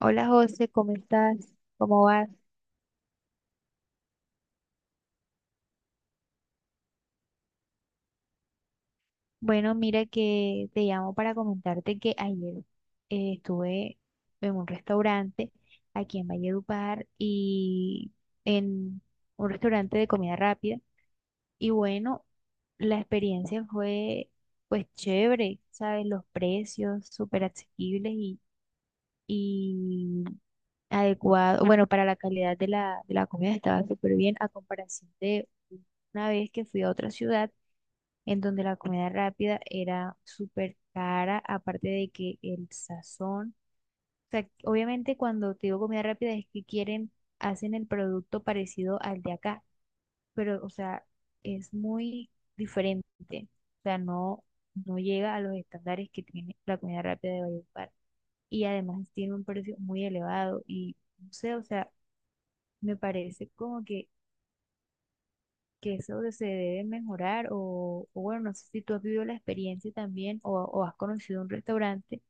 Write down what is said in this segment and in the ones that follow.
Hola José, ¿cómo estás? ¿Cómo vas? Bueno, mira que te llamo para comentarte que ayer estuve en un restaurante aquí en Valledupar y en un restaurante de comida rápida y bueno, la experiencia fue pues chévere, ¿sabes? Los precios súper asequibles y adecuado, bueno, para la calidad de la comida estaba súper bien a comparación de una vez que fui a otra ciudad en donde la comida rápida era súper cara, aparte de que el sazón, o sea, obviamente cuando te digo comida rápida es que quieren, hacen el producto parecido al de acá, pero o sea, es muy diferente, o sea, no llega a los estándares que tiene la comida rápida de Valledupar y además tiene un precio muy elevado y no sé, o sea, me parece como que eso se debe mejorar o bueno, no sé si tú has vivido la experiencia también o has conocido un restaurante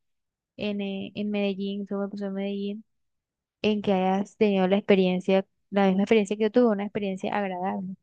en Medellín, eso me pasó en Medellín, en que hayas tenido la experiencia, la misma experiencia que yo tuve, una experiencia agradable.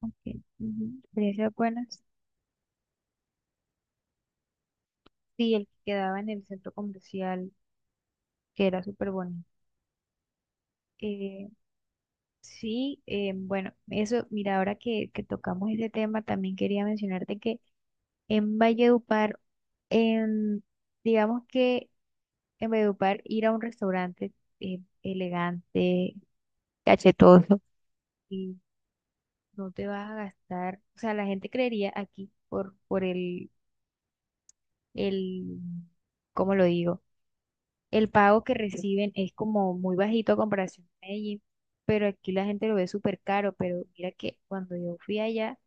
Ok, ujú, experiencias buenas. Sí, el que quedaba en el centro comercial, que era súper bueno. Eh, sí, bueno, eso, mira, ahora que tocamos ese tema, también quería mencionarte que en Valledupar, en, digamos que en Valledupar ir a un restaurante elegante, cachetoso, y no te vas a gastar, o sea, la gente creería aquí por el, ¿cómo lo digo? El pago que reciben es como muy bajito a comparación a Medellín, pero aquí la gente lo ve súper caro, pero mira que cuando yo fui allá,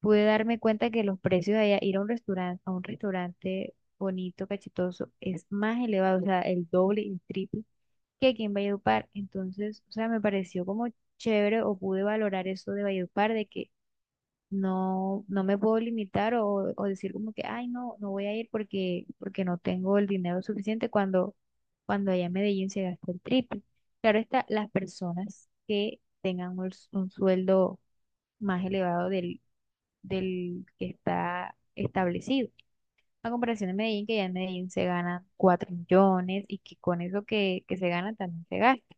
pude darme cuenta que los precios de allá, ir a un restaurante bonito, cachetoso, es más elevado, o sea, el doble y el triple que aquí en Valledupar. Entonces, o sea, me pareció como chévere o pude valorar eso de Valledupar, de que no me puedo limitar o decir como que, ay, no voy a ir porque no tengo el dinero suficiente cuando allá en Medellín se gasta el triple. Claro está, las personas que tengan un, un sueldo más elevado del que está establecido. A comparación de Medellín, que ya en Medellín se ganan 4 millones y que con eso que se gana también se gasta.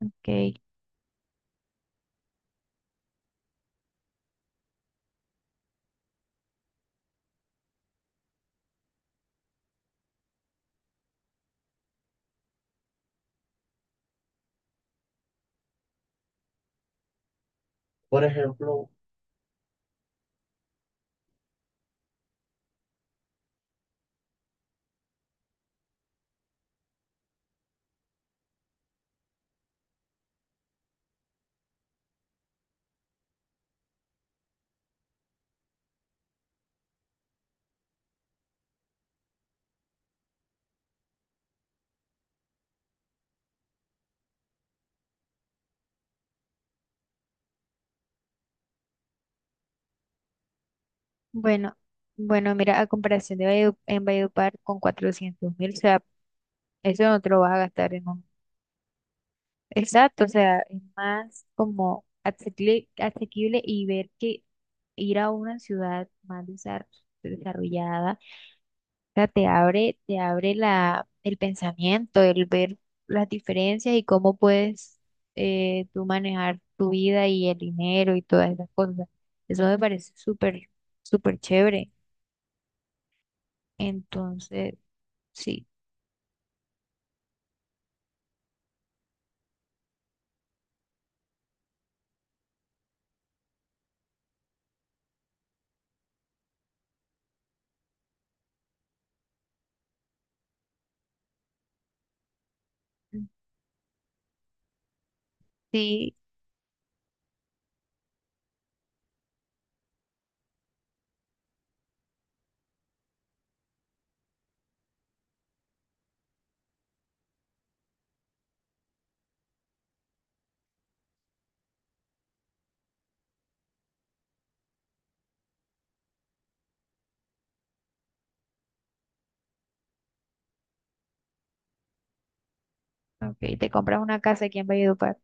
Ok. Por ejemplo. Bueno, bueno, mira, a comparación de Valledu- en Valledupar con 400.000, o sea, eso no te lo vas a gastar en un... Exacto, o sea, es más como asequible y ver que ir a una ciudad más desarrollada, o sea, te abre el pensamiento, el ver las diferencias y cómo puedes tú manejar tu vida y el dinero y todas esas cosas. Eso me parece súper chévere. Entonces, sí, sí, ok, te compras una casa aquí en Valledupar.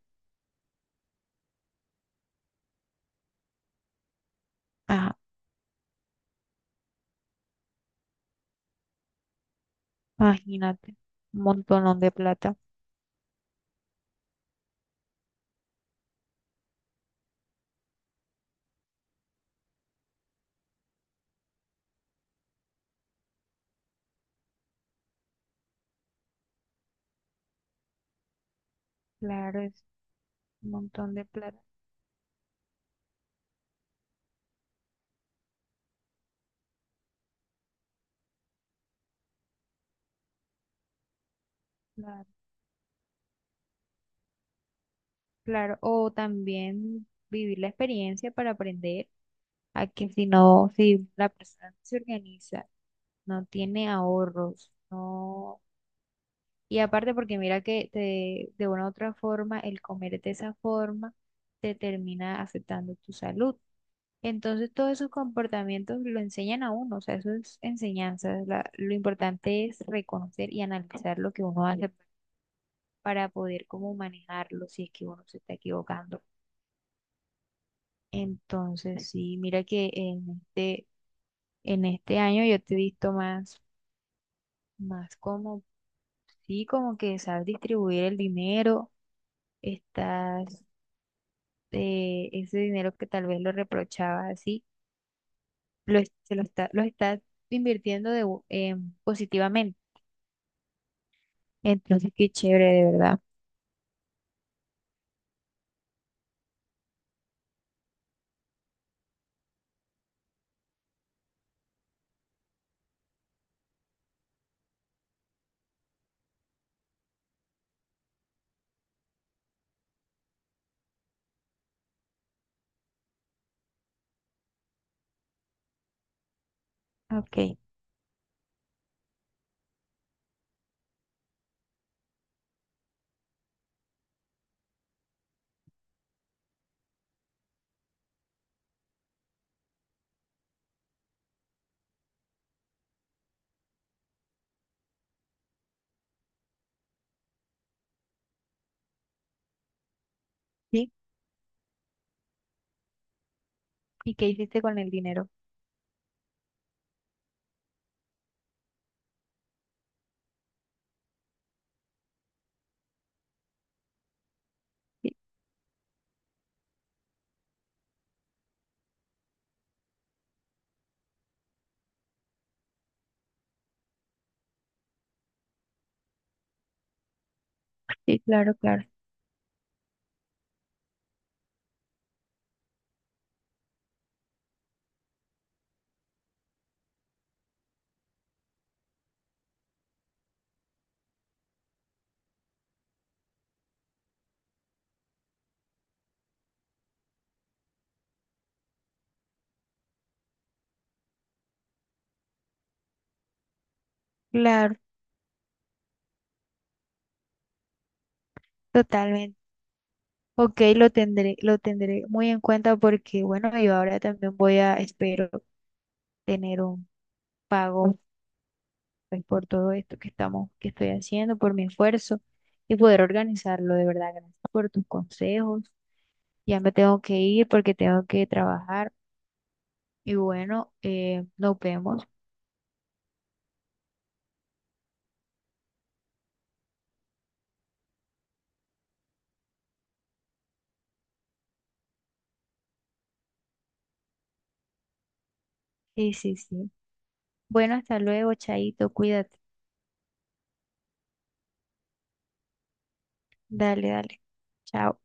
Ajá, imagínate, un montón de plata. Claro, es un montón de plata, claro, claro. O también vivir la experiencia para aprender a que si no, si la persona no se organiza, no tiene ahorros, no... Y aparte porque mira que de una u otra forma el comer de esa forma te termina afectando tu salud. Entonces, todos esos comportamientos lo enseñan a uno, o sea, eso es enseñanza. Lo importante es reconocer y analizar lo que uno hace para poder como manejarlo si es que uno se está equivocando. Entonces, sí, mira que en en este año yo te he visto más como, sí, como que sabes distribuir el dinero, estás, ese dinero que tal vez lo reprochabas así, lo, se lo está, lo estás invirtiendo de, positivamente. Entonces, qué chévere, de verdad. Ok, sí. ¿Y qué hiciste con el dinero? Sí, sí, claro, claro, claro, totalmente. Ok, lo tendré muy en cuenta porque, bueno, yo ahora también voy a, espero tener un pago pues, por todo esto que que estoy haciendo, por mi esfuerzo y poder organizarlo, de verdad. Gracias por tus consejos. Ya me tengo que ir porque tengo que trabajar. Y bueno, nos vemos. Sí, sí, sí. Bueno, hasta luego, Chaito, cuídate. Dale, dale. Chao.